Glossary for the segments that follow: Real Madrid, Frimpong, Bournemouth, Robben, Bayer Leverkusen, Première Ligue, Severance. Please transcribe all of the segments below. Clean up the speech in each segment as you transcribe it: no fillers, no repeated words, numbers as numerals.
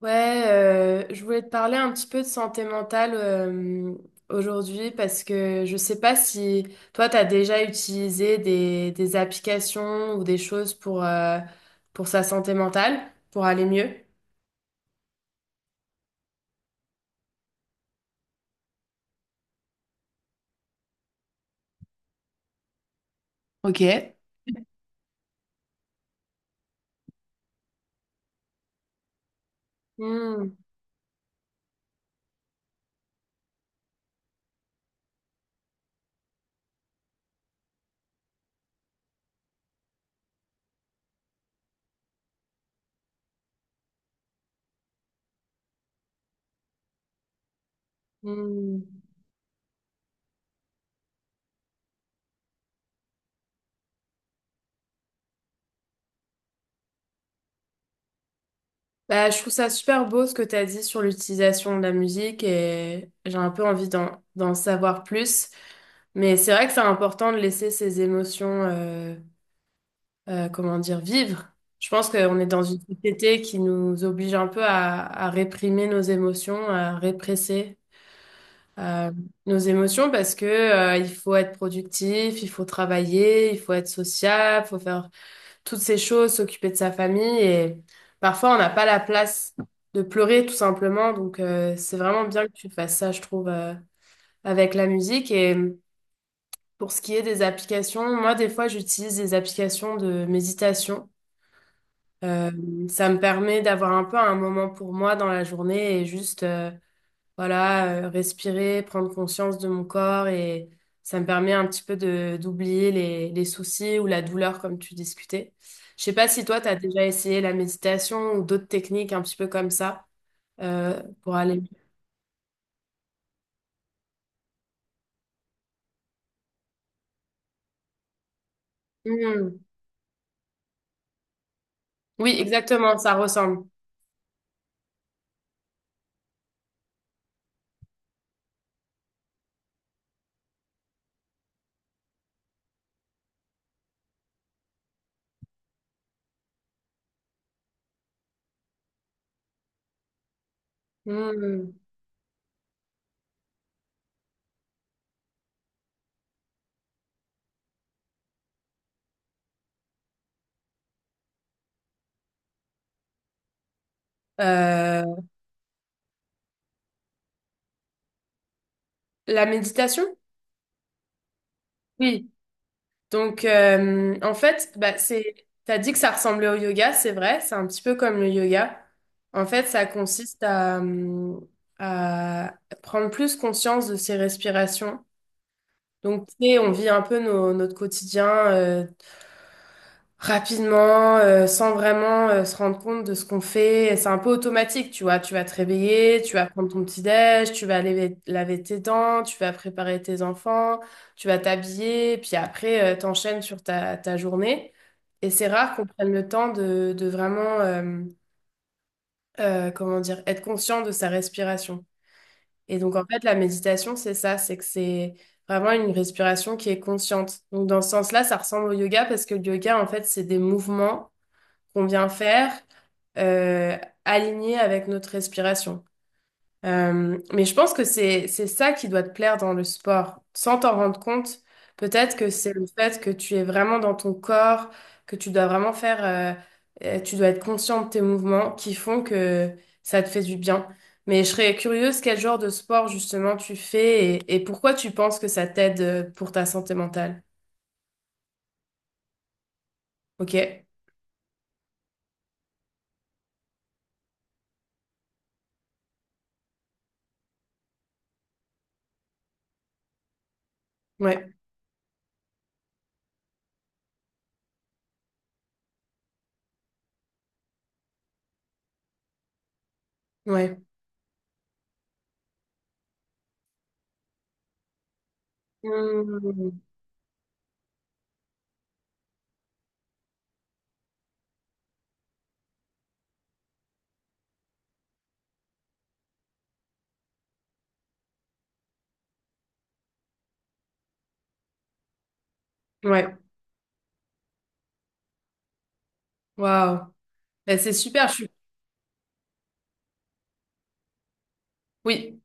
Ouais, je voulais te parler un petit peu de santé mentale aujourd'hui parce que je sais pas si toi, tu as déjà utilisé des applications ou des choses pour sa santé mentale, pour aller mieux. Ok. Hmm, hmm. Bah, je trouve ça super beau ce que tu as dit sur l'utilisation de la musique et j'ai un peu envie d'en savoir plus. Mais c'est vrai que c'est important de laisser ses émotions comment dire, vivre. Je pense qu'on est dans une société qui nous oblige un peu à réprimer nos émotions, à répresser euh, nos émotions parce que il faut être productif, il faut travailler, il faut être sociable, il faut faire toutes ces choses, s'occuper de sa famille et parfois on n'a pas la place de pleurer tout simplement. Donc c'est vraiment bien que tu fasses ça, je trouve, avec la musique et pour ce qui est des applications, moi, des fois, j'utilise des applications de méditation. Euh, ça me permet d'avoir un peu un moment pour moi dans la journée et juste voilà respirer, prendre conscience de mon corps et ça me permet un petit peu de d'oublier les soucis ou la douleur comme tu discutais. Je sais pas si toi tu as déjà essayé la méditation ou d'autres techniques un petit peu comme ça pour aller. Hmm. Oui, exactement, ça ressemble. Hmm. Euh, la méditation? Oui. Donc, en fait, t'as dit que ça ressemblait au yoga, c'est vrai, c'est un petit peu comme le yoga. En fait, ça consiste à prendre plus conscience de ses respirations. Donc, tu sais, on vit un peu notre quotidien, euh, rapidement, sans vraiment se rendre compte de ce qu'on fait. C'est un peu automatique, tu vois. Tu vas te réveiller, tu vas prendre ton petit-déj, tu vas laver tes dents, tu vas préparer tes enfants, tu vas t'habiller, puis après, t'enchaînes sur ta journée. Et c'est rare qu'on prenne le temps de vraiment, comment dire, être conscient de sa respiration. Et donc, en fait, la méditation, c'est que c'est vraiment une respiration qui est consciente. Donc, dans ce sens-là, ça ressemble au yoga parce que le yoga, en fait, c'est des mouvements qu'on vient faire euh, aligné avec notre respiration. Mais je pense que c'est ça qui doit te plaire dans le sport. Sans t'en rendre compte, peut-être que c'est le fait que tu es vraiment dans ton corps, que tu dois vraiment faire, tu dois être conscient de tes mouvements qui font que ça te fait du bien. Mais je serais curieuse quel genre de sport justement tu fais et pourquoi tu penses que ça t'aide pour ta santé mentale. Ok? Ouais, ouais. Mmh. Ouais, waouh. Ben, c'est super, je suis... Oui.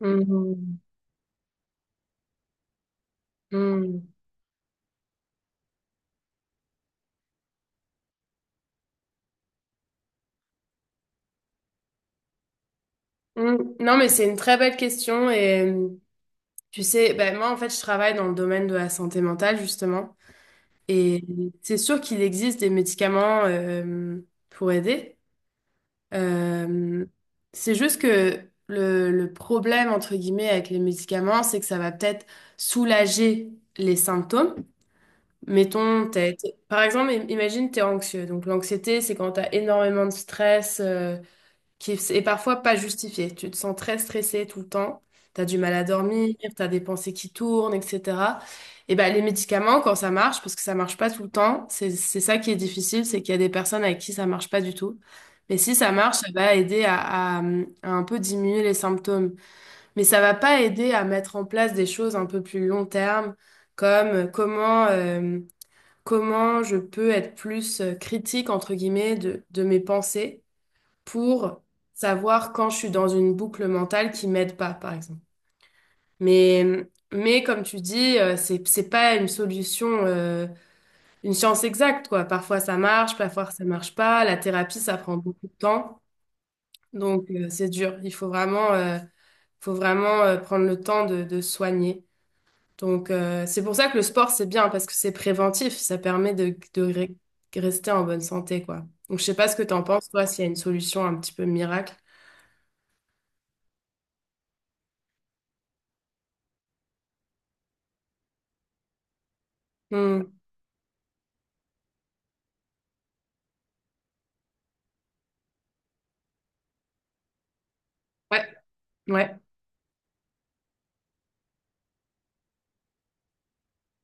Mhm. Mhm. Mhm. Non, mais c'est une très belle question. Et tu sais, ben, moi, en fait, je travaille dans le domaine de la santé mentale, justement. Et c'est sûr qu'il existe des médicaments pour aider. Euh, c'est juste que le problème, entre guillemets, avec les médicaments, c'est que ça va peut-être soulager les symptômes. Mettons, par exemple, imagine, tu es anxieux. Donc, l'anxiété, c'est quand tu as énormément de stress. Qui est parfois pas justifié. Tu te sens très stressé tout le temps, tu as du mal à dormir, tu as des pensées qui tournent, etc. Et ben les médicaments, quand ça marche, parce que ça marche pas tout le temps, c'est ça qui est difficile, c'est qu'il y a des personnes avec qui ça marche pas du tout. Mais si ça marche, ça va aider à un peu diminuer les symptômes. Mais ça va pas aider à mettre en place des choses un peu plus long terme, comme comment je peux être plus critique, entre guillemets, de mes pensées pour savoir quand je suis dans une boucle mentale qui m'aide pas, par exemple. Mais comme tu dis, c'est pas une solution, une science exacte, quoi. Parfois ça marche pas. La thérapie, ça prend beaucoup de temps. Donc, c'est dur. Faut vraiment prendre le temps de se soigner. Donc, c'est pour ça que le sport, c'est bien parce que c'est préventif. Ça permet de rester en bonne santé, quoi. Donc, je sais pas ce que t'en penses, toi, s'il y a une solution un petit peu miracle. Hmm. Ouais. Ouais.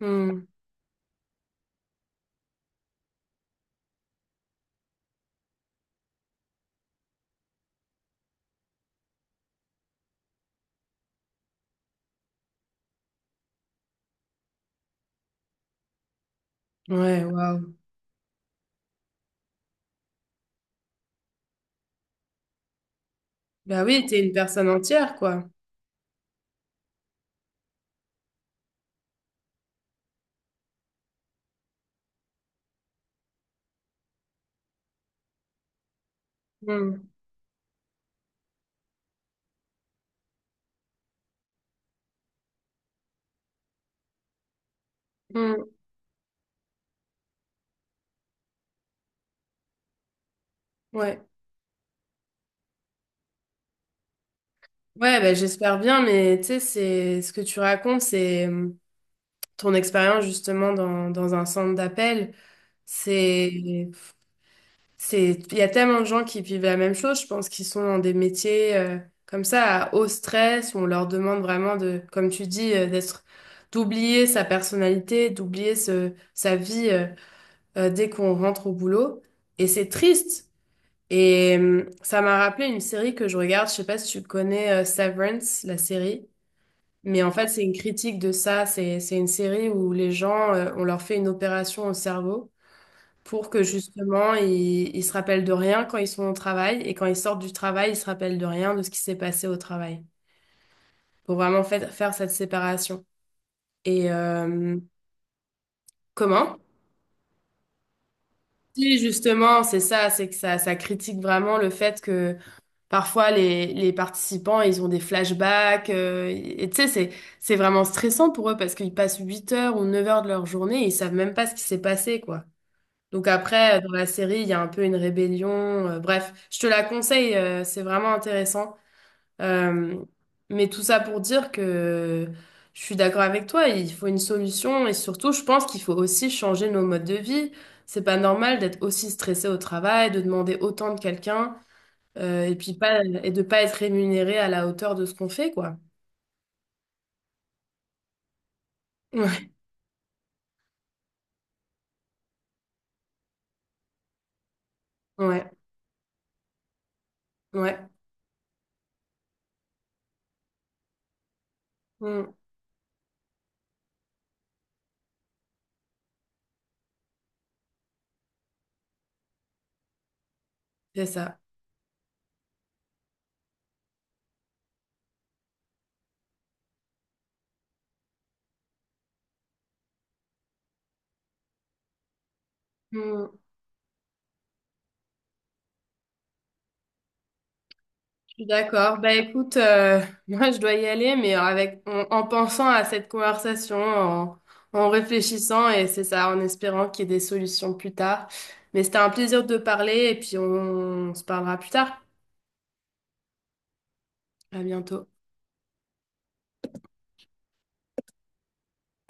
Hmm. Ouais, waouh. Bah oui, t'es une personne entière, quoi. Hmm. Hmm. Ouais. Ouais, bah, j'espère bien, mais tu sais, c'est ce que tu racontes, c'est ton expérience justement dans un centre d'appel. C'est, il y a tellement de gens qui vivent la même chose, je pense, qui sont dans des métiers comme ça, à haut stress, où on leur demande vraiment de, comme tu dis, d'oublier sa personnalité, d'oublier sa vie dès qu'on rentre au boulot. Et c'est triste. Et ça m'a rappelé une série que je regarde, je sais pas si tu connais Severance, la série, mais en fait c'est une critique de ça, c'est une série où les gens, on leur fait une opération au cerveau pour que justement ils se rappellent de rien quand ils sont au travail et quand ils sortent du travail, ils se rappellent de rien de ce qui s'est passé au travail, pour vraiment faire cette séparation. Et comment? Si justement c'est ça, ça critique vraiment le fait que parfois, les participants, ils ont des flashbacks. Et tu sais, c'est vraiment stressant pour eux parce qu'ils passent 8 heures ou 9 heures de leur journée et ils savent même pas ce qui s'est passé, quoi. Donc après, dans la série, il y a un peu une rébellion. Bref, je te la conseille, c'est vraiment intéressant. Euh, mais tout ça pour dire que je suis d'accord avec toi, il faut une solution et surtout, je pense qu'il faut aussi changer nos modes de vie. C'est pas normal d'être aussi stressé au travail, de demander autant de quelqu'un. Et puis pas et de pas être rémunéré à la hauteur de ce qu'on fait, quoi. Ouais, ouais, ouais. Mm, c'est ça. Mm, je suis d'accord. Bah écoute, moi je dois y aller, mais avec en pensant à cette conversation, en réfléchissant, et c'est ça, en espérant qu'il y ait des solutions plus tard. Mais c'était un plaisir de parler, et puis on se parlera plus tard. À bientôt.